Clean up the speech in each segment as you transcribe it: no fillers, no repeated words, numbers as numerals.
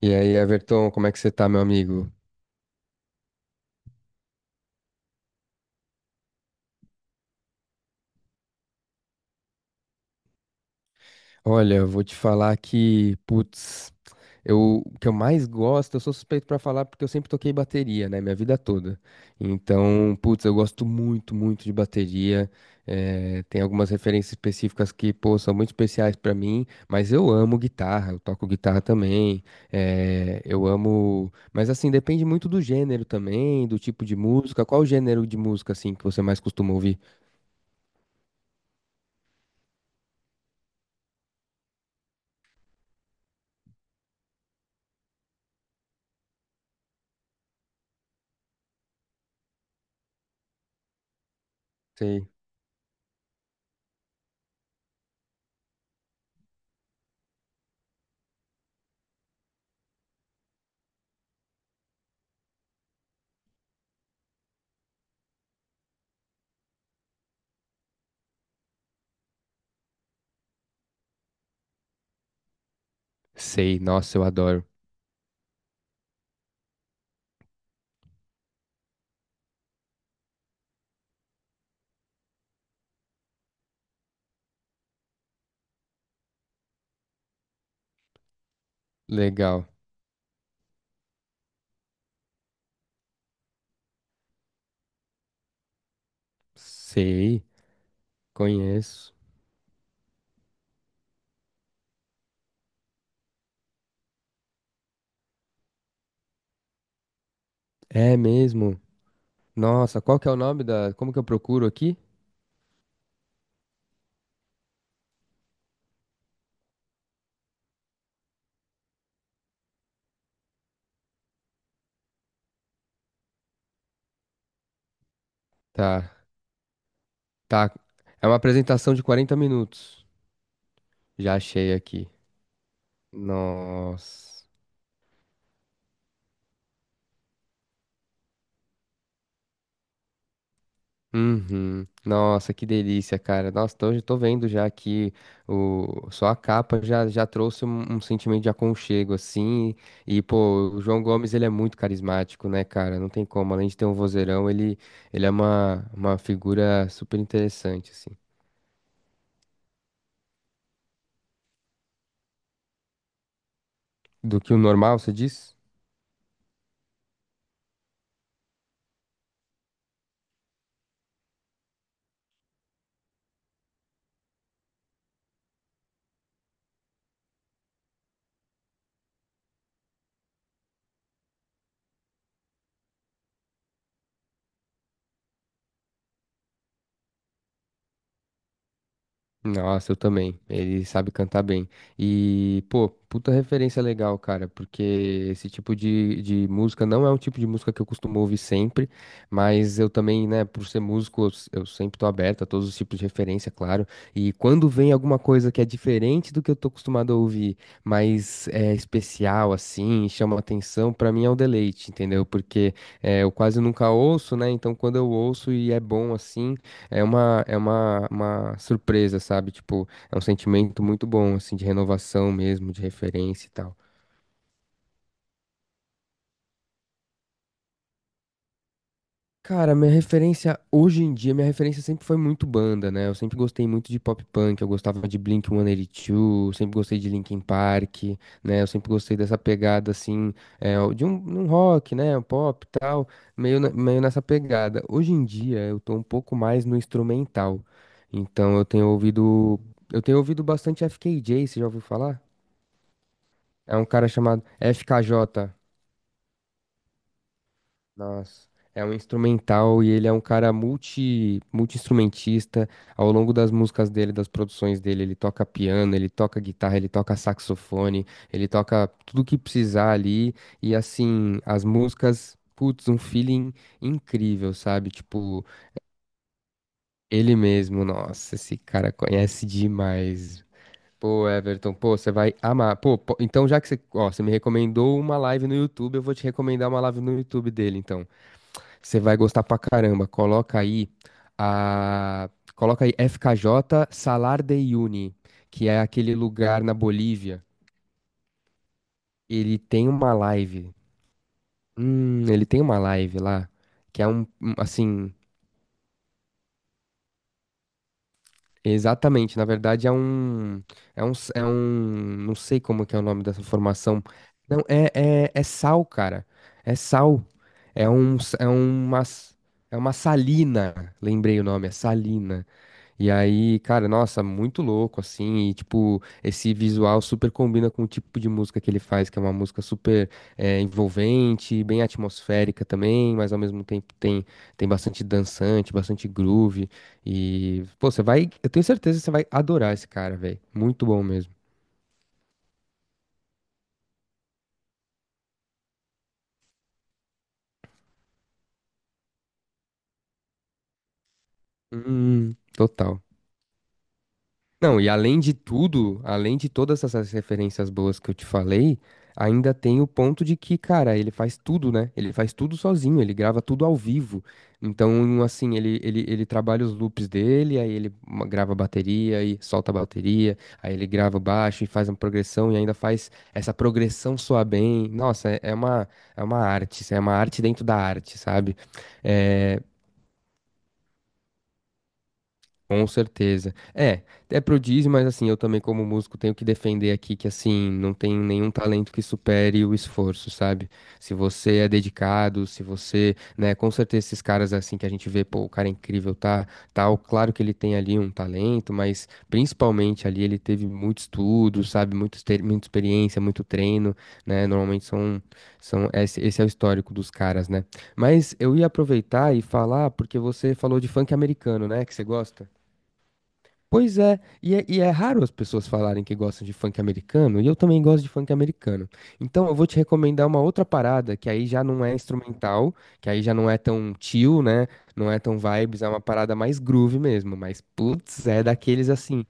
E aí, Everton, como é que você tá, meu amigo? Olha, eu vou te falar que, putz, o que eu mais gosto, eu sou suspeito pra falar porque eu sempre toquei bateria, né, minha vida toda. Então, putz, eu gosto muito, muito de bateria. Tem algumas referências específicas que, pô, são muito especiais pra mim, mas eu amo guitarra, eu toco guitarra também. Eu amo, mas assim, depende muito do gênero também, do tipo de música. Qual o gênero de música, assim, que você mais costuma ouvir? Sei. Sei, nossa, eu adoro. Legal. Sei, conheço. É mesmo? Nossa, qual que é o nome da. Como que eu procuro aqui? Tá, tá. É uma apresentação de 40 minutos. Já achei aqui. Nossa. Uhum. Nossa, que delícia, cara. Nossa, então eu tô vendo já aqui o só a capa já trouxe um sentimento de aconchego assim. E pô, o João Gomes ele é muito carismático, né, cara? Não tem como, além de ter um vozeirão, ele é uma figura super interessante assim. Do que o normal, você diz? Nossa, eu também. Ele sabe cantar bem. E, pô, puta referência legal, cara, porque esse tipo de música não é um tipo de música que eu costumo ouvir sempre, mas eu também, né, por ser músico, eu sempre tô aberto a todos os tipos de referência, claro. E quando vem alguma coisa que é diferente do que eu tô acostumado a ouvir, mas é especial, assim, chama atenção, pra mim é um deleite, entendeu? Porque eu quase nunca ouço, né? Então quando eu ouço e é bom assim. É uma surpresa, sabe? Tipo, é um sentimento muito bom, assim, de renovação mesmo, de referência e tal. Cara, minha referência hoje em dia, minha referência sempre foi muito banda, né? Eu sempre gostei muito de pop punk, eu gostava de Blink-182, sempre gostei de Linkin Park, né? Eu sempre gostei dessa pegada, assim, é, de um rock, né? Um pop e tal, meio, meio nessa pegada. Hoje em dia, eu tô um pouco mais no instrumental. Então, eu tenho ouvido bastante FKJ, você já ouviu falar? É um cara chamado FKJ. Nossa. É um instrumental e ele é um cara multi-instrumentista. Ao longo das músicas dele, das produções dele, ele toca piano, ele toca guitarra, ele toca saxofone, ele toca tudo que precisar ali. E assim, as músicas, putz, um feeling incrível, sabe? Tipo, ele mesmo, nossa, esse cara conhece demais. Pô, Everton, pô, você vai amar. Pô, então já que você, ó, você me recomendou uma live no YouTube, eu vou te recomendar uma live no YouTube dele, então. Você vai gostar pra caramba. A coloca aí FKJ Salar de Uyuni, que é aquele lugar na Bolívia. Ele tem uma live. Ele tem uma live lá, que é um, assim. Exatamente, na verdade é um, não sei como que é o nome dessa formação. Não, é, é sal, cara. É sal. É um, s- é uma, s- é uma salina, lembrei o nome, é salina. E aí, cara, nossa, muito louco, assim, e tipo, esse visual super combina com o tipo de música que ele faz, que é uma música super envolvente, bem atmosférica também, mas ao mesmo tempo tem bastante dançante, bastante groove, e, pô, você vai, eu tenho certeza que você vai adorar esse cara, velho, muito bom mesmo. Total. Não, e além de tudo, além de todas essas referências boas que eu te falei, ainda tem o ponto de que, cara, ele faz tudo, né? Ele faz tudo sozinho, ele grava tudo ao vivo. Então, um, assim, ele trabalha os loops dele, aí ele grava a bateria e solta a bateria, aí ele grava o baixo e faz uma progressão e ainda faz essa progressão soar bem. Nossa, é uma arte, isso é uma arte dentro da arte, sabe? É, com certeza. É prodígio, mas assim, eu também como músico tenho que defender aqui que assim, não tem nenhum talento que supere o esforço, sabe? Se você é dedicado, se você, né, com certeza esses caras assim que a gente vê, pô, o cara é incrível, tá, tal, claro que ele tem ali um talento, mas principalmente ali ele teve muito estudo, sabe? Muito, muita experiência, muito treino, né? Normalmente são, esse é o histórico dos caras, né? Mas eu ia aproveitar e falar, porque você falou de funk americano, né, que você gosta? Pois é, e é raro as pessoas falarem que gostam de funk americano, e eu também gosto de funk americano. Então eu vou te recomendar uma outra parada, que aí já não é instrumental, que aí já não é tão chill, né? Não é tão vibes, é uma parada mais groove mesmo, mas putz, é daqueles assim,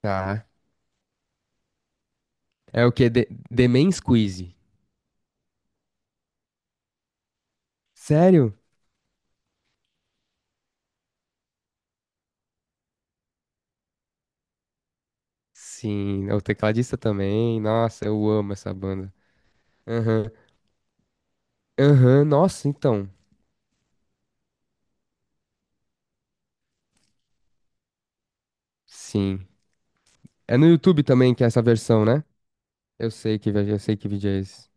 tá? É o quê? The Man Squeeze. Sério? Sim, é o tecladista também. Nossa, eu amo essa banda. Aham, aham, nossa, então. Sim. É no YouTube também que é essa versão, né? Eu sei que vídeo é esse.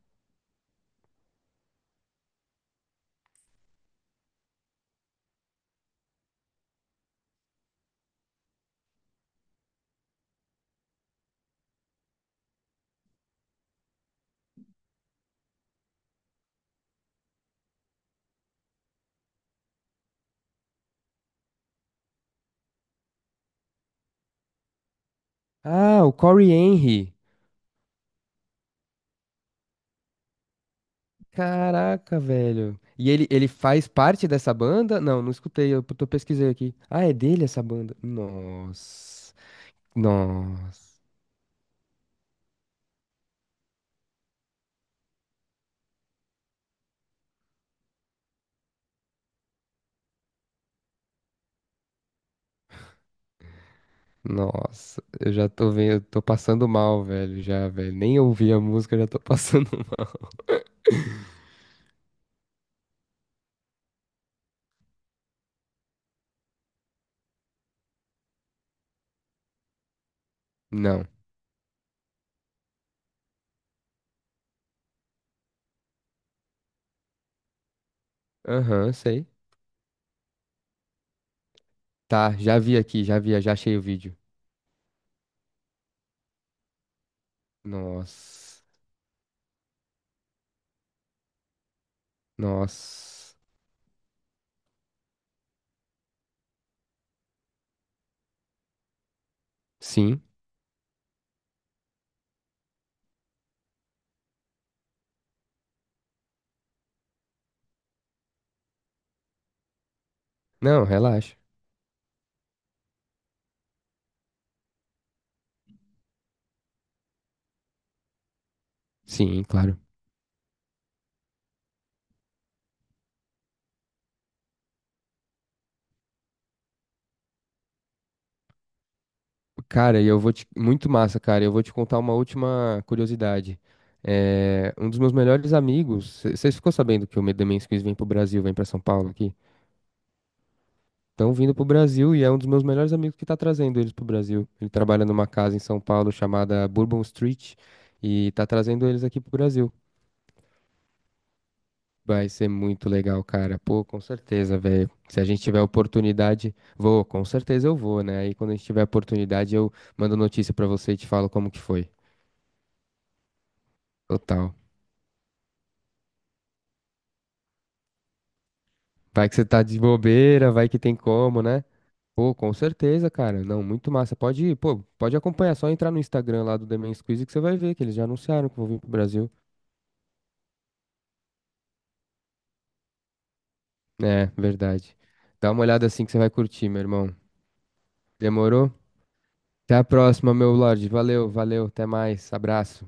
Ah, o Corey Henry. Caraca, velho. E ele faz parte dessa banda? Não, não escutei, eu tô pesquisei aqui. Ah, é dele essa banda? Nossa. Nossa. Nossa. Eu já tô vendo, eu tô passando mal, velho, já, velho. Nem ouvi a música, já tô passando mal. Não. Aham, sei. Tá, já vi aqui, já vi, já achei o vídeo. Nossa. Nossa. Sim. Não, relaxa. Sim, claro. Cara, e eu vou te... Muito massa, cara. Eu vou te contar uma última curiosidade. É, Um dos meus melhores amigos... Vocês ficou sabendo que o Demen's Quiz vem pro Brasil, vem pra São Paulo aqui? Estão vindo pro Brasil e é um dos meus melhores amigos que tá trazendo eles pro Brasil. Ele trabalha numa casa em São Paulo chamada Bourbon Street e tá trazendo eles aqui pro Brasil. Vai ser muito legal, cara. Pô, com certeza, velho. Se a gente tiver oportunidade, vou, com certeza eu vou, né? Aí quando a gente tiver oportunidade, eu mando notícia pra você e te falo como que foi. Total. Vai que você tá de bobeira, vai que tem como, né? Pô, com certeza, cara. Não, muito massa. Pode ir, pô, pode acompanhar. Só entrar no Instagram lá do The Men's Quiz que você vai ver que eles já anunciaram que vão vir pro Brasil. É, verdade. Dá uma olhada assim que você vai curtir, meu irmão. Demorou? Até a próxima, meu Lorde. Valeu, valeu. Até mais. Abraço.